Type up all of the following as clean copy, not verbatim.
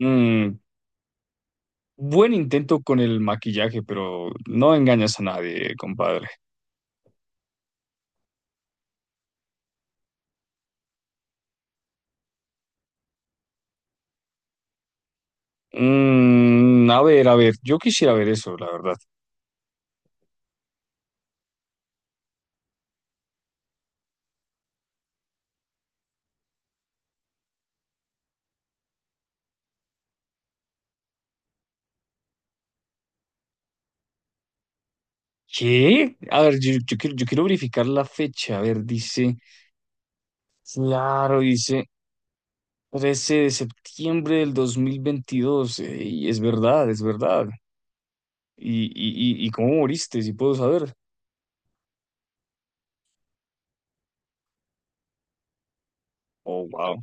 Mm, Buen intento con el maquillaje, pero no engañas a nadie, compadre. A ver, a ver, yo quisiera ver eso, la verdad. ¿Qué? A ver, yo quiero verificar la fecha. A ver, dice, claro, dice 13 de septiembre del 2022. Y es verdad, es verdad. ¿Y cómo moriste? Si puedo saber. Oh, wow.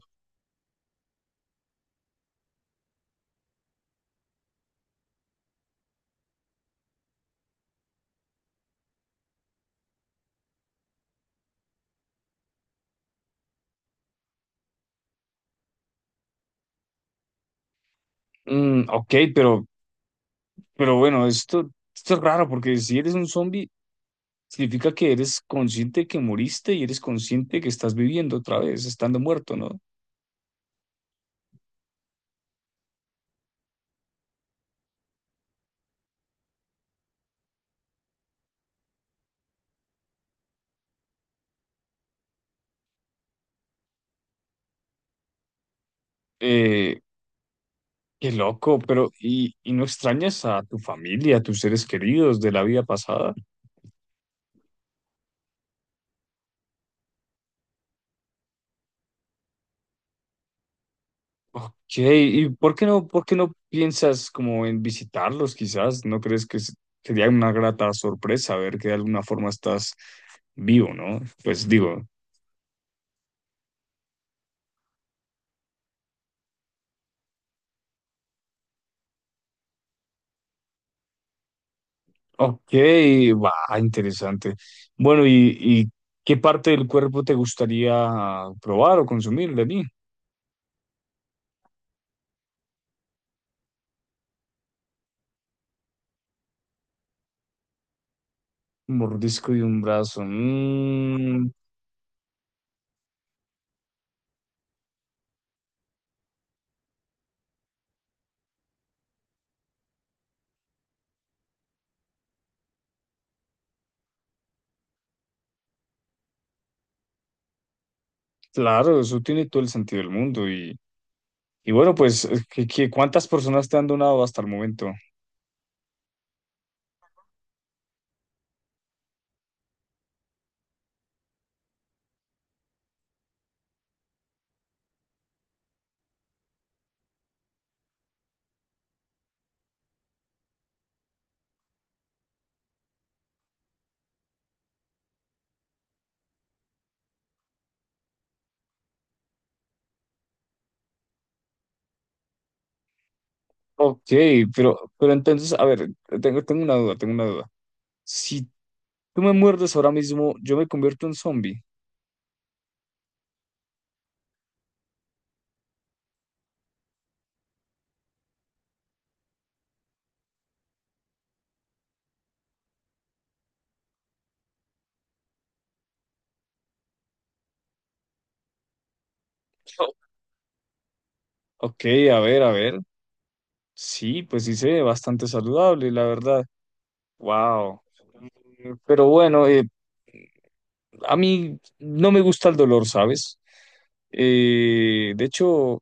Ok, pero bueno, esto es raro porque si eres un zombie, significa que eres consciente que moriste y eres consciente que estás viviendo otra vez, estando muerto, ¿no? Eh, Qué loco, pero ¿y no extrañas a tu familia, a tus seres queridos de la vida pasada? Ok, ¿y por qué no piensas como en visitarlos quizás? ¿No crees que sería una grata sorpresa ver que de alguna forma estás vivo? ¿No? Pues digo. Ok, va, interesante. Bueno, ¿y qué parte del cuerpo te gustaría probar o consumir, Dani? Un mordisco de un brazo. Mm, claro, eso tiene todo el sentido del mundo. Y bueno, pues, cuántas personas te han donado hasta el momento? Ok, pero entonces, a ver, tengo una duda, tengo una duda. ¿Si tú me muerdes ahora mismo, yo me convierto en zombie? Ok, a ver, a ver. Sí, pues sí, se ve bastante saludable, la verdad. Wow. Pero bueno, a mí no me gusta el dolor, ¿sabes? De hecho,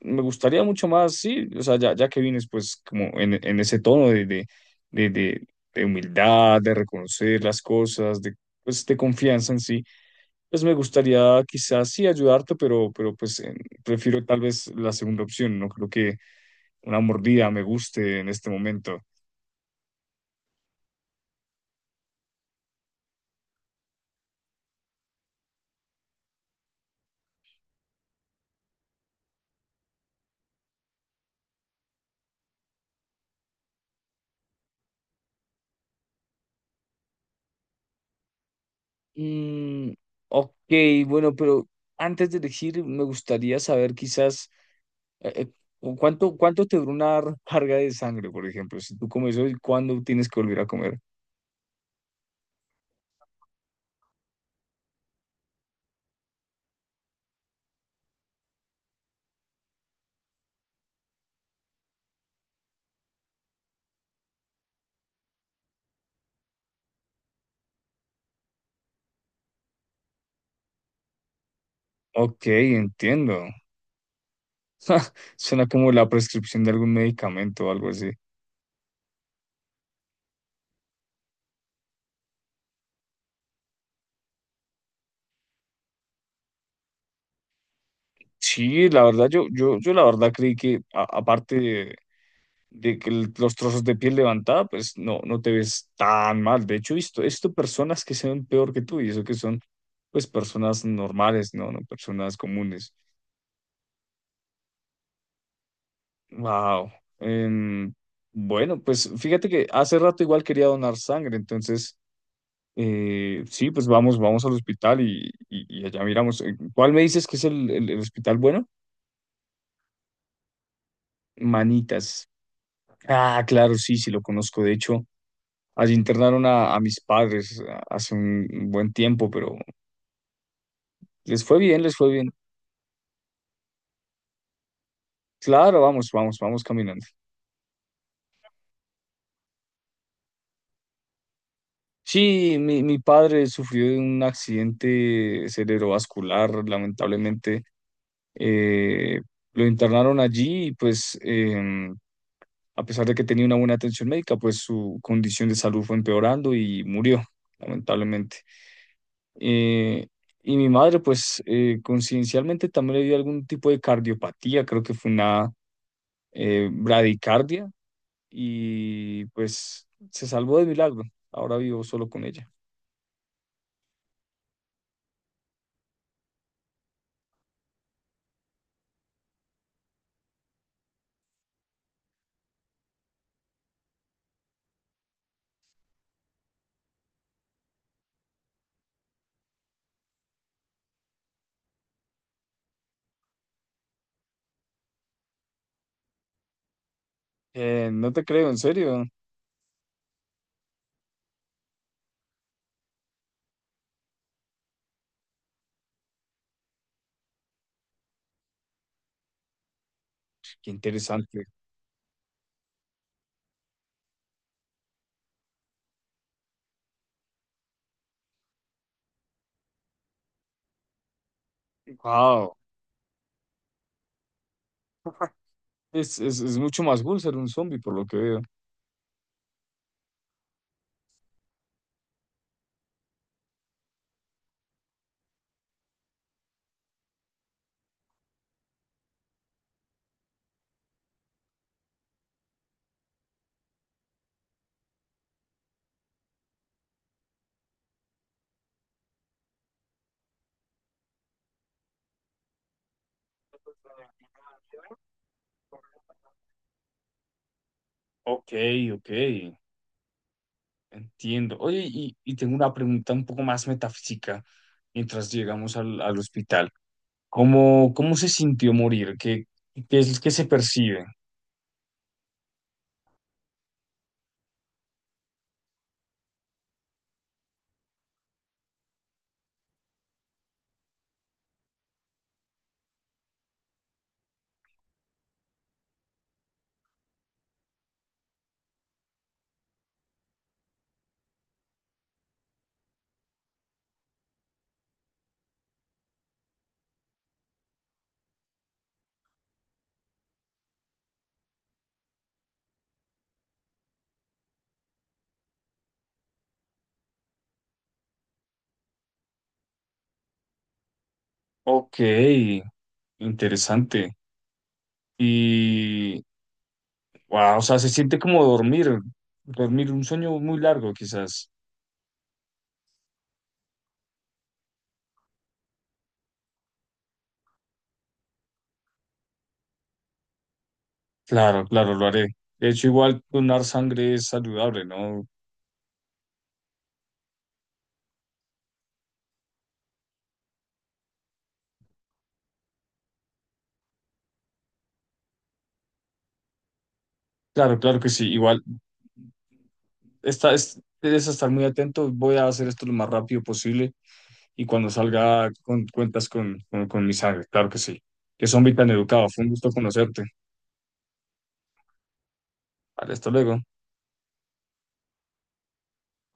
me gustaría mucho más, sí, o sea, ya que vienes pues como en ese tono de, de, de- de humildad, de reconocer las cosas, de, pues, de confianza en sí, pues me gustaría quizás sí ayudarte, pero pues prefiero tal vez la segunda opción, no creo que una mordida me guste en este momento. Mm, ok, bueno, pero antes de elegir, me gustaría saber quizás eh, eh, cuánto te dura una recarga de sangre, por ejemplo. Si tú comes hoy, ¿cuándo tienes que volver a comer? Ok, entiendo. Suena como la prescripción de algún medicamento o algo así. Sí, la verdad, yo la verdad creí que, aparte de que los trozos de piel levantada, pues no, no te ves tan mal. De hecho, he visto personas que se ven peor que tú y eso que son, pues, personas normales, ¿no? No personas comunes. Wow. Em, bueno, pues fíjate que hace rato igual quería donar sangre, entonces, sí, pues vamos, vamos al hospital y allá miramos. ¿Cuál me dices que es el hospital bueno? Manitas. Ah, claro, sí, sí, lo conozco. De hecho, allí internaron a mis padres hace un buen tiempo, pero les fue bien, les fue bien. Claro, vamos, vamos, vamos caminando. Sí, mi padre sufrió de un accidente cerebrovascular, lamentablemente. Eh, lo internaron allí y pues a pesar de que tenía una buena atención médica, pues su condición de salud fue empeorando y murió, lamentablemente. Eh, y mi madre, pues conciencialmente también le dio algún tipo de cardiopatía, creo que fue una bradicardia y pues se salvó de milagro. Ahora vivo solo con ella. No te creo, en serio. Qué interesante. Wow. Es mucho más cool ser un zombie, por lo que veo. Ok, ok, entiendo. Oye, y tengo una pregunta un poco más metafísica mientras llegamos al hospital. ¿Cómo se sintió morir? ¿Qué es lo que se percibe? Ok, interesante. Y Wow, o sea, se siente como dormir, dormir un sueño muy largo, quizás. Claro, claro, lo haré. De hecho, igual donar sangre es saludable, ¿no? Claro, claro que sí. Igual, debes estar muy atento. Voy a hacer esto lo más rápido posible y cuando salga cuentas con mi sangre, claro que sí. Que son tan educados. Fue un gusto conocerte. Vale, hasta luego.